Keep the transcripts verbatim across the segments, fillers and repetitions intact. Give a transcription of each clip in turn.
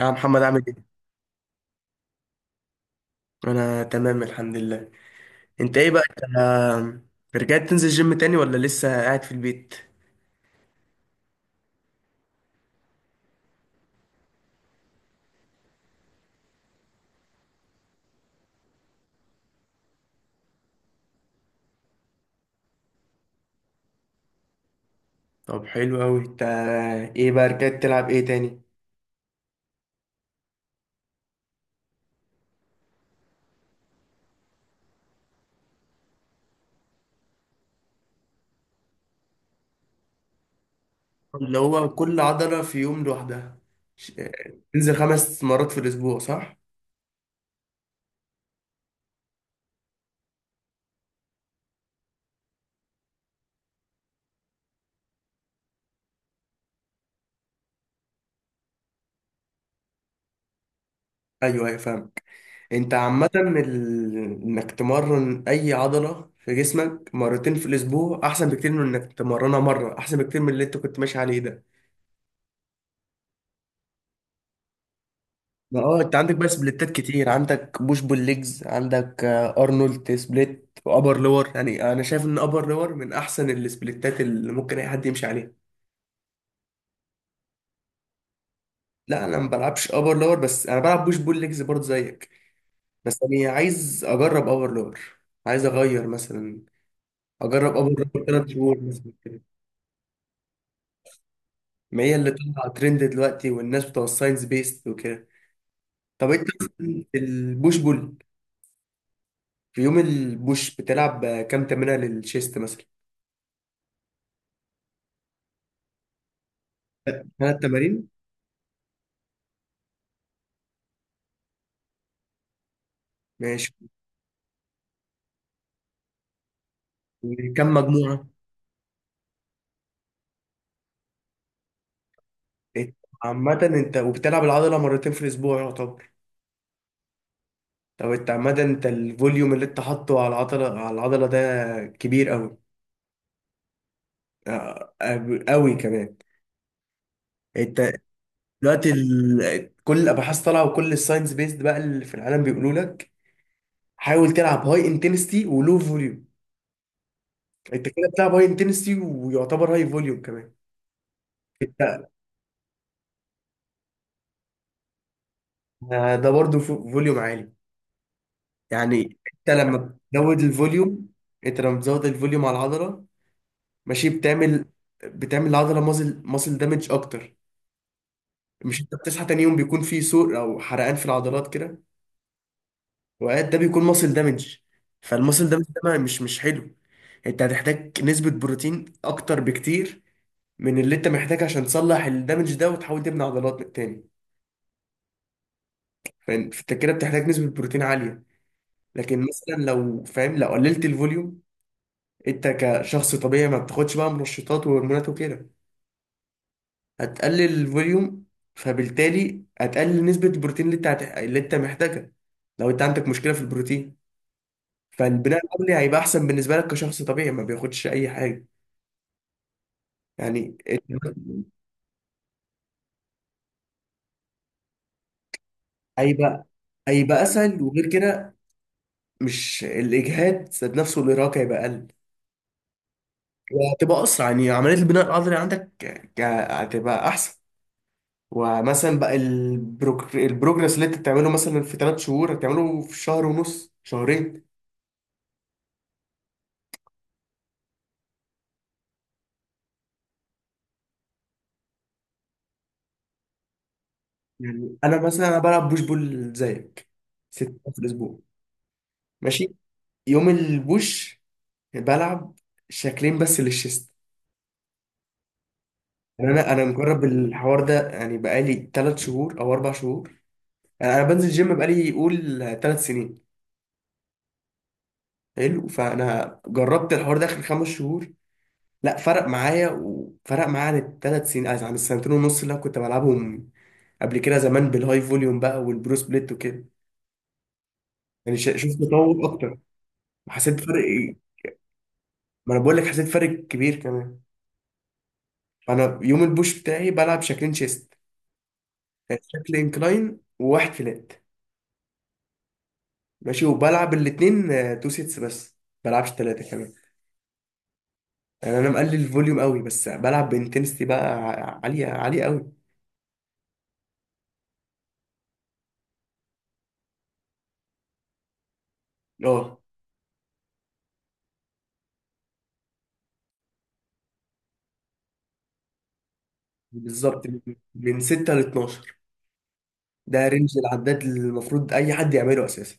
يا محمد عامل ايه؟ انا تمام الحمد لله. انت ايه بقى انت، رجعت تنزل جيم تاني ولا لسه قاعد في البيت؟ طب حلو اوي. انت ايه بقى رجعت تلعب ايه تاني؟ اللي هو كل عضلة في يوم لوحدها. ش- تنزل خمس مرات في الاسبوع صح؟ ايوه ايوه فاهمك. انت عامة ال... انك تمرن اي عضلة في جسمك مرتين في الاسبوع احسن بكتير من انك تمرنها مرة، احسن بكتير من اللي انت كنت ماشي عليه ده. ما اه انت عندك بقى سبليتات كتير، عندك بوش بول ليجز، عندك آه، ارنولد سبليت وابر لور. يعني انا شايف ان ابر لور من احسن السبليتات اللي ممكن اي حد يمشي عليها. لا انا ما بلعبش ابر لور، بس انا بلعب بوش بول ليجز برضه زيك. بس انا عايز اجرب ابر لور، عايز اغير مثلا، اجرب ابر لور ثلاث شهور مثلا كده. ما هي اللي طالعه ترند دلوقتي، والناس بتوع الساينس بيست وكده. طب انت مثلاً البوش بول، في يوم البوش بتلعب آه، كام تمرينه للشيست مثلا؟ ثلاث تمارين. ماشي. كم مجموعة؟ إنت عامة انت وبتلعب العضلة مرتين في الأسبوع يعتبر، طب انت عامة انت الفوليوم اللي انت حاطه على العضلة على العضلة ده كبير أوي، آه، آه، أوي كمان. انت دلوقتي ال... كل الأبحاث طالعة، وكل الساينس بيزد بقى اللي في العالم بيقولوا لك حاول تلعب هاي انتنستي ولو فوليوم. انت كده بتلعب هاي انتنستي ويعتبر هاي فوليوم كمان. انت آه، ده برضه فو- فوليوم عالي. يعني انت لما بتزود الفوليوم، انت لما بتزود الفوليوم على العضلة، ماشي، بتعمل، بتعمل العضله مازل مازل دامج اكتر. مش انت بتصحى تاني يوم بيكون في سوء او حرقان في العضلات كده، وقاعد، ده بيكون ماسل دامج. فالماسل دامج ده ما- مش مش حلو. انت هتحتاج نسبه بروتين اكتر بكتير من اللي انت محتاج عشان تصلح الدامج ده وتحاول تبني عضلات تاني. فاهم؟ فانت كده بتحتاج نسبه بروتين عاليه. لكن مثلا لو فاهم، لو قللت الفوليوم، انت كشخص طبيعي ما بتاخدش بقى منشطات وهرمونات وكده، هتقلل الفوليوم، فبالتالي هتقلل نسبة البروتين اللي انت هت... اللي انت محتاجها. لو انت عندك مشكلة في البروتين، فالبناء العضلي هيبقى احسن بالنسبة لك كشخص طبيعي ما بياخدش اي حاجة. يعني ال- هيبقى، هيبقى اسهل. وغير كده، مش الاجهاد ذات نفسه، الارهاق هيبقى اقل، وهتبقى اسرع يعني عملية البناء العضلي عندك. ك- هتبقى احسن. ومثلا بقى البروج... البروجرس اللي انت بتعمله مثلا في ثلاث شهور هتعمله في شهر ونص شهرين. يعني انا مثلا، انا بلعب بوش بول زيك ست أيام في الاسبوع. ماشي. يوم البوش بلعب شكلين بس للشيست. يعني انا انا مجرب الحوار ده يعني بقالي ثلاث شهور او اربع شهور. يعني انا بنزل جيم بقالي قول ثلاث سنين. حلو، فانا جربت الحوار ده اخر خمس شهور، لا، فرق معايا وفرق معايا عن الثلاث سنين عن السنتين ونص اللي أنا كنت بلعبهم قبل كده زمان بالهاي فوليوم بقى والبرو سبليت وكده. يعني ش- شفت تطور اكتر وحسيت بفرق. ما انا بقول لك حسيت فرق كبير كمان. انا يوم البوش بتاعي بلعب شكلين شيست. يعني شكل انكلاين وواحد فلات. ماشي، وبلعب الاتنين آه، تو سيتس بس، بلعبش تلاتة كمان. يعني انا مقلل الفوليوم قوي، بس بلعب بانتنستي بقى ع- عالية عالية قوي. اه بالظبط، من من ستة ل اتناشر. ده رينج العداد اللي المفروض اي حد يعمله اساسا.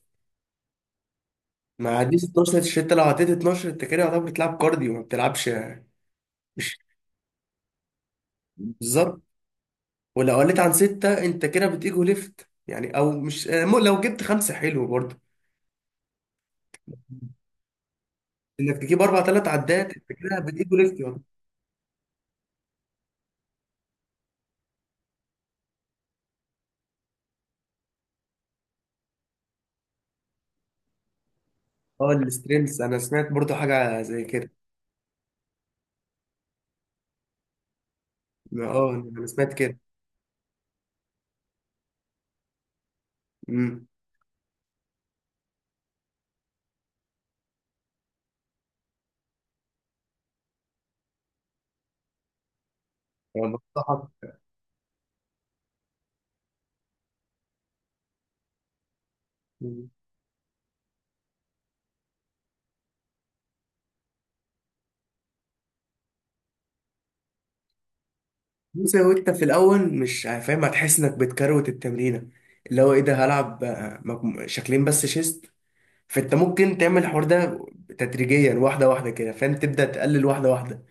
ما عديش اتناشر، انت لو عديت اتناشر انت كده يعتبر بتلعب كارديو، ما بتلعبش مش بالظبط. ولو قلت عن ستة انت كده بتيجو ليفت يعني. او مش، آه، مو- لو جبت خمسة حلو برضه. انك تجيب اربع ثلاث عدات انت كده بتيجو ليفت يعني. اه السترينث، انا سمعت برضه حاجة زي كده. اه انا سمعت كده. امم. يعني بنصحك. مم. بص هو انت في الاول مش فاهم هتحس انك بتكروت التمرينة. اللي هو ايه ده، هلعب آه، مجمو- شكلين بس شيست. فانت ممكن تعمل الحوار ده تدريجيا، واحدة واحدة كده، فاهم، تبدأ تقلل واحدة واحدة.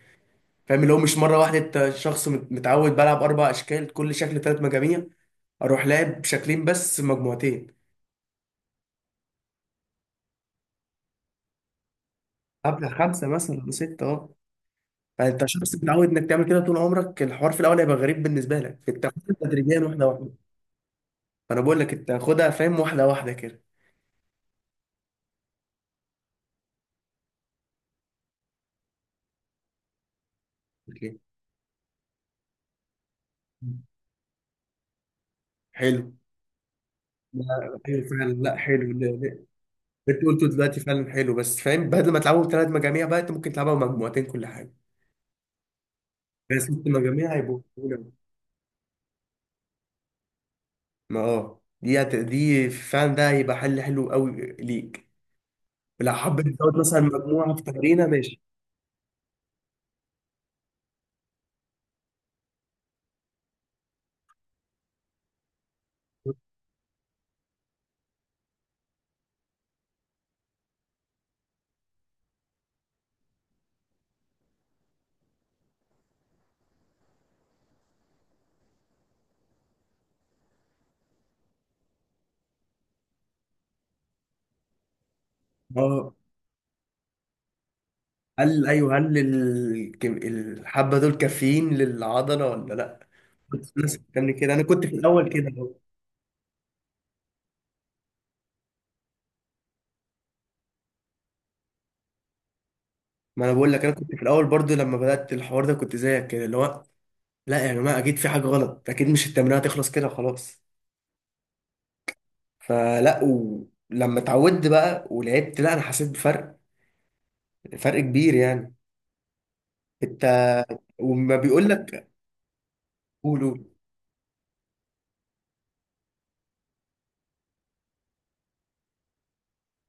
فاهم، اللي هو مش مره واحده. انت شخص مت- متعود بلعب اربع اشكال كل شكل ثلاث مجاميع، اروح لاعب شكلين بس مجموعتين، ابلغ خمسه مثلا ولا سته، اه. فانت شخص متعود انك تعمل كده طول عمرك، الحوار في الاول هيبقى غريب بالنسبه لك، انت خدها تدريجيا واحده واحده. فانا بقول لك انت خدها، فاهم، واحده واحده كده. أوكي. حلو. لا، ايوه فعلا. لا حلو. لا، لا. اللي انت قلته دلوقتي فعلا حلو، بس فاهم، بدل ما تلعبوا ثلاث مجاميع بقى انت ممكن تلعبها مجموعتين كل حاجه، بس ست مجاميع هيبقوا. ما اه دي هت... دي فعلا، ده هيبقى حل حلو قوي ليك. لو حبيت تزود مثلا مجموعه في تمرينه ماشي. اه هل ايوه، هل ال- كم- الحبه دول كافيين للعضله ولا لا؟ كنت الناس بتعمل كده، انا كنت في الاول كده برضه. ما انا بقول لك، انا كنت في الاول برضو لما بدات الحوار ده كنت زيك كده. اللي هو لا يا جماعه اكيد في حاجه غلط، اكيد مش التمرينه هتخلص كده خلاص. فلا، ولما اتعودت بقى ولعبت، لا انا حسيت بفرق، فرق كبير يعني. انت، وما بيقول لك، قول قول.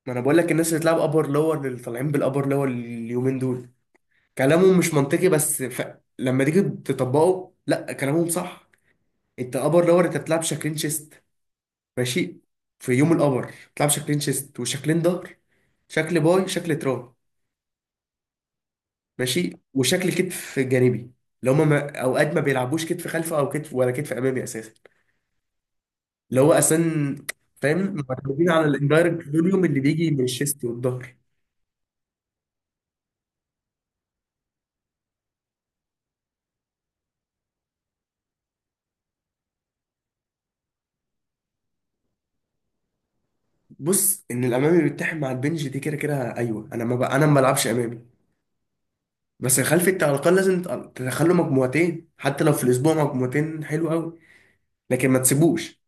ما انا بقول لك الناس اللي بتلعب ابر لور، اللي طالعين بالابر لور اليومين دول، كلامهم مش منطقي بس ف... لما تيجي تطبقه لا كلامهم صح. انت ابر لور انت بتلعب شكلين شيست. ماشي. في يوم الابر بتلعب شكلين شيست وشكلين ظهر، شكل باي شكل تراي، ماشي، وشكل كتف جانبي. اللي هما ما... اوقات ما بيلعبوش كتف خلفي او كتف، ولا كتف امامي اساسا. اللي هو اساسا، فاهم، معتمدين على الاندايركت فوليوم اللي بيجي من الشيست والظهر. بص ان الامامي بيتحد مع البنج دي كده كده، ايوه انا ما بقى انا ما بلعبش امامي. بس الخلفي انت على الاقل لازم تق- تدخله مجموعتين، حتى لو في الاسبوع مجموعتين حلو قوي، لكن ما تسيبوش.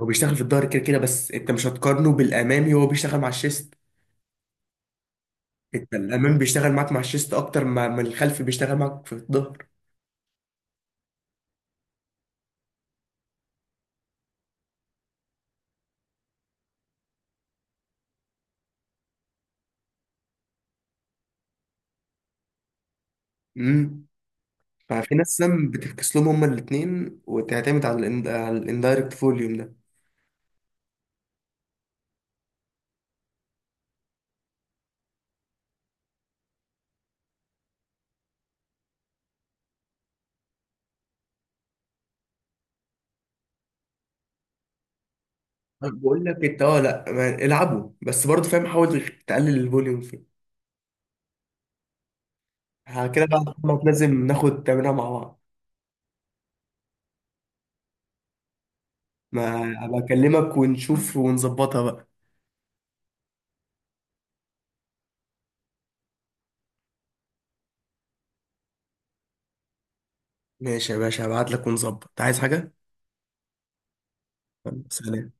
هو بيشتغل في الظهر كده كده، بس انت مش هتقارنه بالامامي وهو بيشتغل مع الشيست. انت الامامي بيشتغل معاك مع الشيست اكتر ما ما الخلفي بيشتغل معاك في الظهر. امم. ففي ناس سم بتفكس لهم هما الاثنين وتعتمد على ال على الاندايركت فوليوم ده. بقول لك انت اه لا، ما- العبوا بس برضه، فاهم، حاول تقلل الفوليوم. ها كده بقى خلاص، لازم ناخد تمرينها مع بعض. ما ابقى اكلمك ونشوف ونظبطها بقى. ماشي يا باشا، هبعت لك ونظبط، عايز حاجة. سلام.